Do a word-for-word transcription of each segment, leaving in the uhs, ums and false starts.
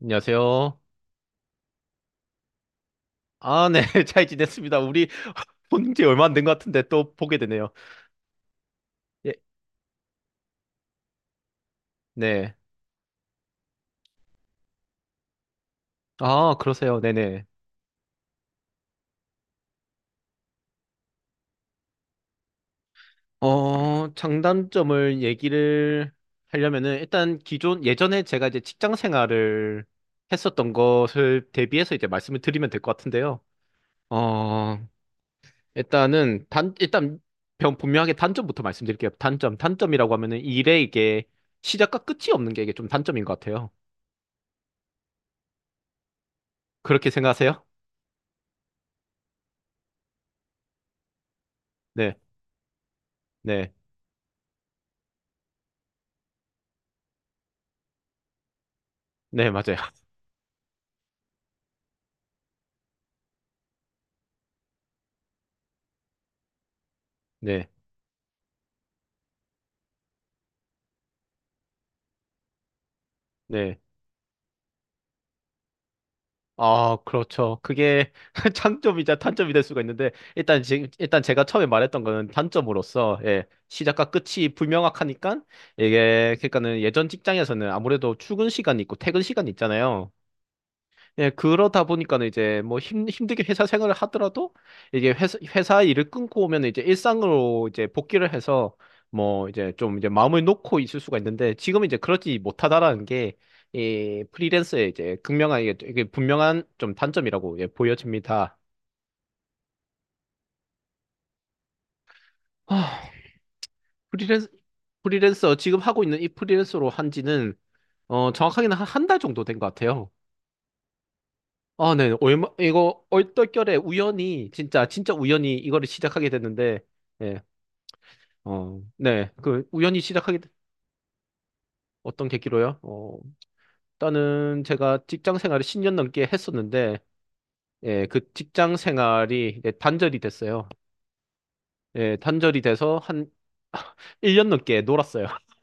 안녕하세요. 아, 네. 잘 지냈습니다. 우리 본지 얼마 안 된 것 같은데 또 보게 되네요. 예, 네. 아, 그러세요. 네네. 어, 장단점을 얘기를 하려면은 일단 기존, 예전에 제가 이제 직장 생활을 했었던 것을 대비해서 이제 말씀을 드리면 될 것 같은데요. 어, 일단은 단, 일단 병- 분명하게 단점부터 말씀드릴게요. 단점. 단점이라고 하면은 일에 이게 시작과 끝이 없는 게 이게 좀 단점인 것 같아요. 그렇게 생각하세요? 네. 네. 네, 맞아요. 네, 네. 아, 그렇죠. 그게 장점이자 단점이 될 수가 있는데, 일단, 지, 일단 제가 처음에 말했던 거는 단점으로서, 예, 시작과 끝이 불명확하니까, 이게, 그러니까는 예전 직장에서는 아무래도 출근 시간이 있고 퇴근 시간이 있잖아요. 예, 그러다 보니까는 이제 뭐 힘, 힘들게 회사 생활을 하더라도 이게 회사, 회사 일을 끊고 오면 이제 일상으로 이제 복귀를 해서 뭐 이제 좀 이제 마음을 놓고 있을 수가 있는데 지금은 이제 그러지 못하다라는 게 이 프리랜서의 이제 극명한 이게, 이게 분명한 좀 단점이라고 예, 보여집니다. 아, 프리랜서, 프리랜서 지금 하고 있는 이 프리랜서로 한 지는 어, 정확하게는 한 달 정도 된 것 같아요. 아, 네. 얼마, 이거 얼떨결에 우연히 진짜 진짜 우연히 이거를 시작하게 됐는데 예. 어, 네. 그 우연히 시작하게 된- 어떤 계기로요? 어, 일단은 제가 직장 생활을 십 년 넘게 했었는데 예, 그 직장 생활이 이제 단절이 됐어요. 예, 단절이 돼서 한 일 년 넘게 놀았어요.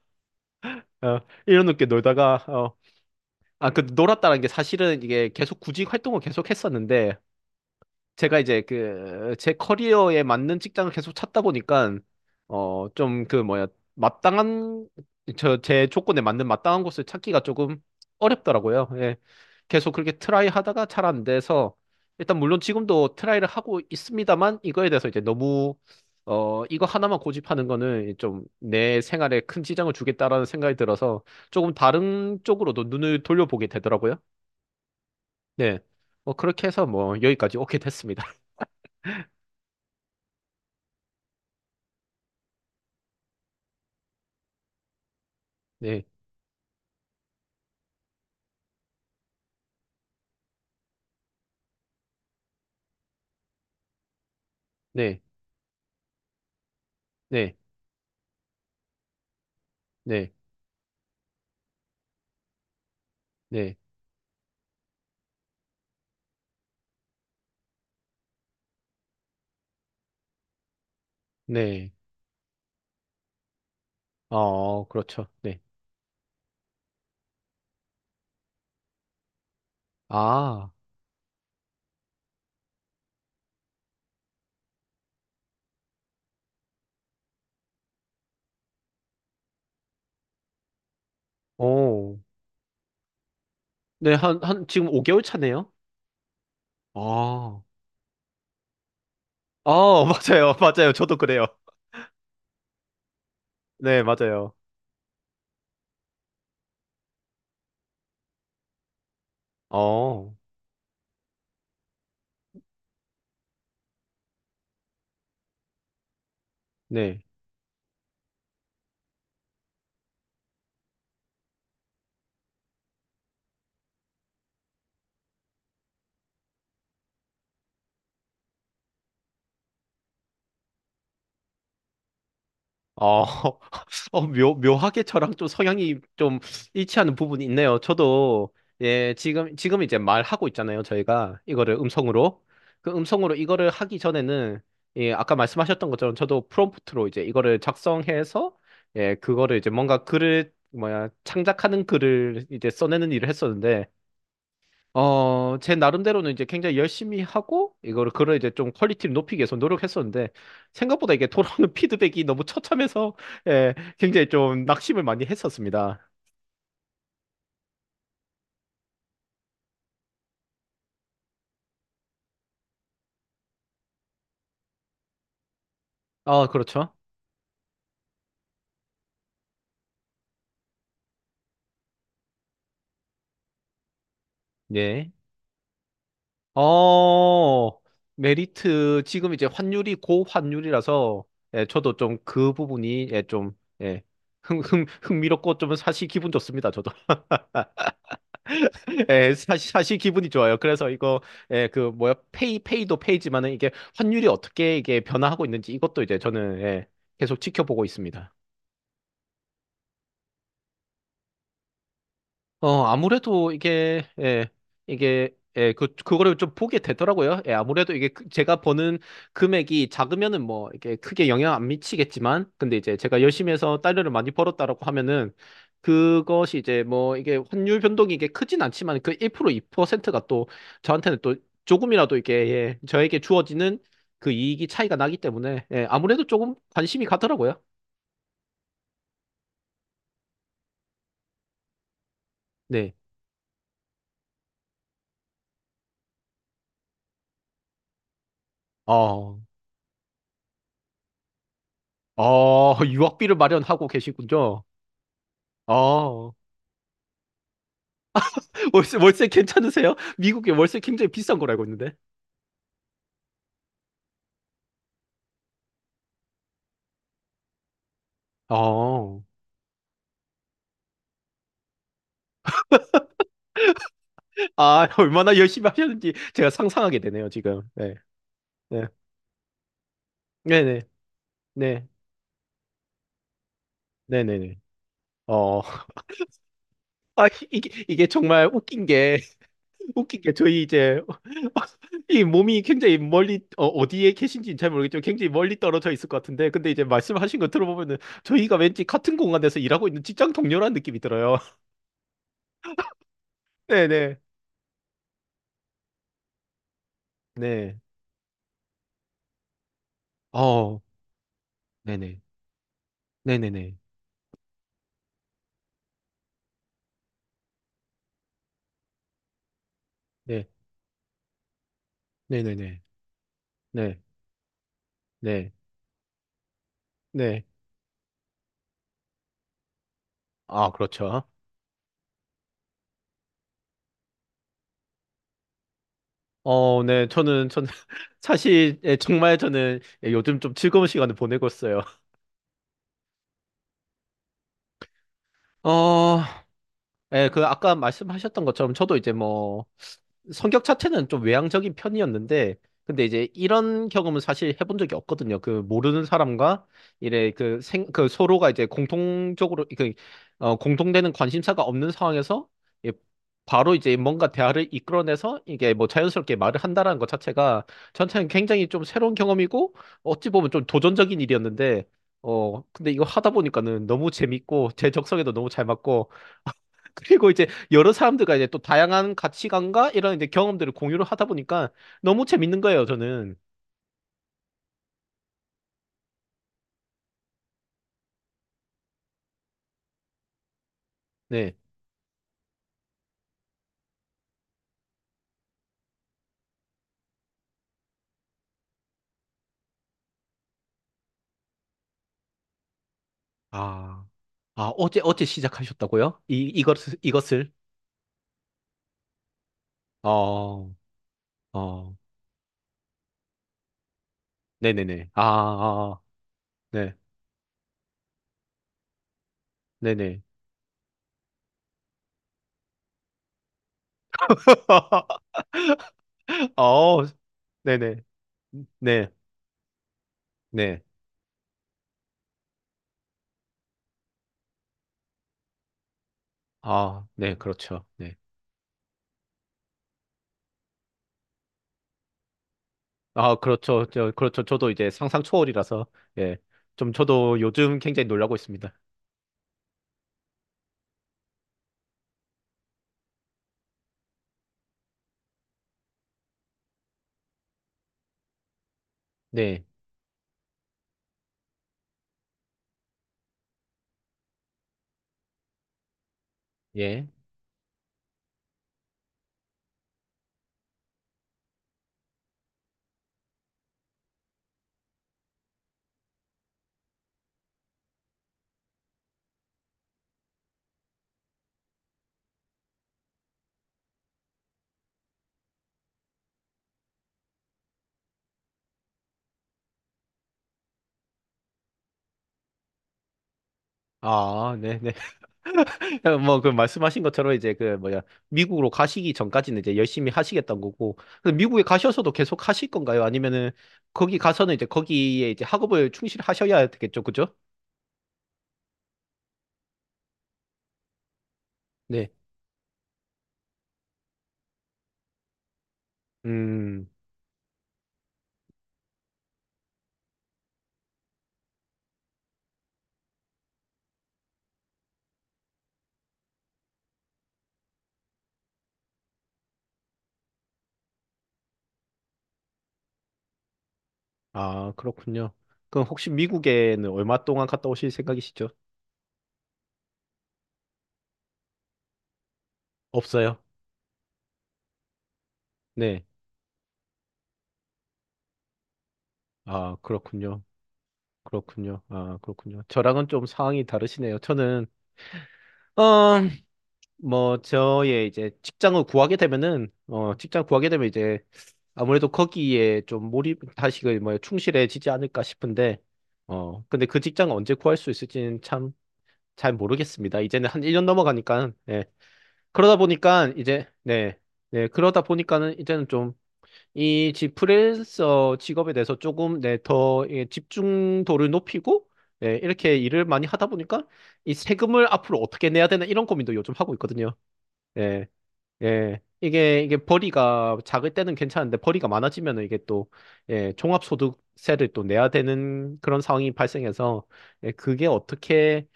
어, 일 년 넘게 놀다가 어, 아, 그 놀았다는 게 사실은 이게 계속 구직 활동을 계속 했었는데 제가 이제 그 제 커리어에 맞는 직장을 계속 찾다 보니까 어 좀 그 뭐야 마땅한 저 제 조건에 맞는 마땅한 곳을 찾기가 조금 어렵더라고요. 예. 계속 그렇게 트라이 하다가 잘 안 돼서 일단 물론 지금도 트라이를 하고 있습니다만 이거에 대해서 이제 너무 어 이거 하나만 고집하는 거는 좀 내 생활에 큰 지장을 주겠다라는 생각이 들어서 조금 다른 쪽으로도 눈을 돌려보게 되더라고요. 네. 뭐 그렇게 해서 뭐 여기까지 오게 됐습니다. 네. 네, 네, 네, 네, 네. 어, 그렇죠. 네. 아, 오. 네, 한, 한, 지금 오 개월 차네요? 아, 아, 맞아요. 맞아요. 저도 그래요. 네, 맞아요. 어, 네. 어, 어, 묘, 묘하게 저랑 좀 성향이 좀 일치하는 부분이 있네요. 저도, 예, 지금, 지금 이제 말하고 있잖아요. 저희가 이거를 음성으로. 그 음성으로 이거를 하기 전에는, 예, 아까 말씀하셨던 것처럼 저도 프롬프트로 이제 이거를 작성해서, 예, 그거를 이제 뭔가 글을, 뭐야, 창작하는 글을 이제 써내는 일을 했었는데, 어, 제 나름대로는 이제 굉장히 열심히 하고, 이거를, 그걸 이제 좀 퀄리티를 높이기 위해서 노력했었는데, 생각보다 이게 돌아오는 피드백이 너무 처참해서, 예, 굉장히 좀 낙심을 많이 했었습니다. 아, 그렇죠. 네. 어, 메리트, 지금 이제 환율이 고환율이라서, 예, 저도 좀 그 부분이, 예, 좀, 예, 흥, 흥, 흥미롭고 좀 사실 기분 좋습니다, 저도. 예, 사실, 사실 기분이 좋아요. 그래서 이거, 예, 그, 뭐야, 페이, 페이도 페이지만은 이게 환율이 어떻게 이게 변화하고 있는지 이것도 이제 저는, 예, 계속 지켜보고 있습니다. 어, 아무래도 이게, 예, 이게, 예, 그, 그거를 좀 보게 되더라고요. 예, 아무래도 이게 그- 제가 버는 금액이 작으면은 뭐, 이게 크게 영향 안 미치겠지만, 근데 이제 제가 열심히 해서 달러를 많이 벌었다라고 하면은, 그것이 이제 뭐, 이게 환율 변동이 이게 크진 않지만, 그 일 퍼센트, 이 퍼센트가 또, 저한테는 또 조금이라도 이게, 예, 저에게 주어지는 그 이익이 차이가 나기 때문에, 예, 아무래도 조금 관심이 가더라고요. 네. 어, 어, 유학비를 마련하고 계시군요. 어. 월세, 월세 괜찮으세요? 미국에 월세 굉장히 비싼 걸 알고 있는데. 아, 아, 얼마나 열심히 하셨는지 제가 상상하게 되네요, 지금. 네. 네. 네네. 네. 네네네. 어, 아, 이게, 이게 정말 웃긴 게, 웃긴 게, 저희 이제, 이 몸이 굉장히 멀리, 어, 어디에 계신지는 잘 모르겠지만, 굉장히 멀리 떨어져 있을 것 같은데, 근데 이제 말씀하신 거 들어보면은, 저희가 왠지 같은 공간에서 일하고 있는 직장 동료라는 느낌이 들어요. 네네. 네. 어, 네네. 네네네. 네. 네네네. 네, 네, 네. 아, 그렇죠. 어, 네, 저는, 저는, 사실, 예, 정말 저는 예, 요즘 좀 즐거운 시간을 보내고 있어요. 어, 예, 그 아까 말씀하셨던 것처럼 저도 이제 뭐 성격 자체는 좀 외향적인 편이었는데 근데 이제 이런 경험은 사실 해본 적이 없거든요. 그 모르는 사람과 이래 그 생 그 서로가 이제 공통적으로 그 어, 공통되는 관심사가 없는 상황에서 예, 바로 이제 뭔가 대화를 이끌어내서 이게 뭐 자연스럽게 말을 한다라는 것 자체가 저한테는 굉장히 좀 새로운 경험이고 어찌 보면 좀 도전적인 일이었는데 어 근데 이거 하다 보니까는 너무 재밌고 제 적성에도 너무 잘 맞고 그리고 이제 여러 사람들과 이제 또 다양한 가치관과 이런 이제 경험들을 공유를 하다 보니까 너무 재밌는 거예요, 저는. 네. 아, 아, 어제, 어제 시작하셨다고요? 이, 이것을, 이것을? 어, 어, 네네네. 아, 아, 아. 네, 네네. 어, 네네. 네, 네. 아, 네, 그렇죠. 네. 아, 그렇죠. 저, 그렇죠. 저도 이제 상상 초월이라서, 예. 좀 저도 요즘 굉장히 놀라고 있습니다. 네, 예. 아, 네, 네. 어, 뭐, 그 말씀하신 것처럼 이제 그 뭐야, 미국으로 가시기 전까지는 이제 열심히 하시겠다는 거고, 그럼 미국에 가셔서도 계속 하실 건가요? 아니면은 거기 가서는 이제 거기에 이제 학업을 충실하셔야 되겠죠, 그죠? 네. 음, 아, 그렇군요. 그럼 혹시 미국에는 얼마 동안 갔다 오실 생각이시죠? 없어요. 네. 아, 그렇군요. 그렇군요. 아, 그렇군요. 저랑은 좀 상황이 다르시네요. 저는, 어, 뭐 저의 이제 직장을 구하게 되면은 어 직장 구하게 되면 이제 아무래도 거기에 좀 몰입 다시 그뭐 충실해지지 않을까 싶은데 어 근데 그 직장을 언제 구할 수 있을지는 참 잘 모르겠습니다. 이제는 한 일 년 넘어가니까 예. 그러다 보니까 이제 네. 네. 그러다 보니까는 이제는 좀 이 프리랜서 직업에 대해서 조금 네, 더 예, 집중도를 높이고 네, 이렇게 일을 많이 하다 보니까 이 세금을 앞으로 어떻게 내야 되나 이런 고민도 요즘 하고 있거든요. 네. 예, 이게, 이게 벌이가 작을 때는 괜찮은데 벌이가 많아지면 이게 또, 예, 종합소득세를 또 내야 되는 그런 상황이 발생해서, 예, 그게 어떻게,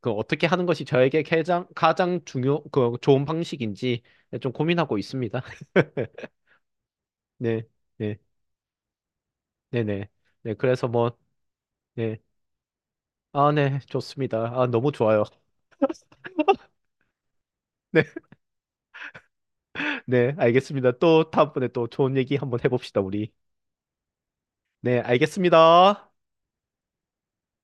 그 어떻게 하는 것이 저에게 가장, 가장 중요, 그 좋은 방식인지 예, 좀 고민하고 있습니다. 네, 네, 네네. 네, 그래서 뭐, 네. 아, 네, 좋습니다. 아, 너무 좋아요. 네, 네, 알겠습니다. 또 다음번에 또 좋은 얘기 한번 해봅시다, 우리. 네, 알겠습니다.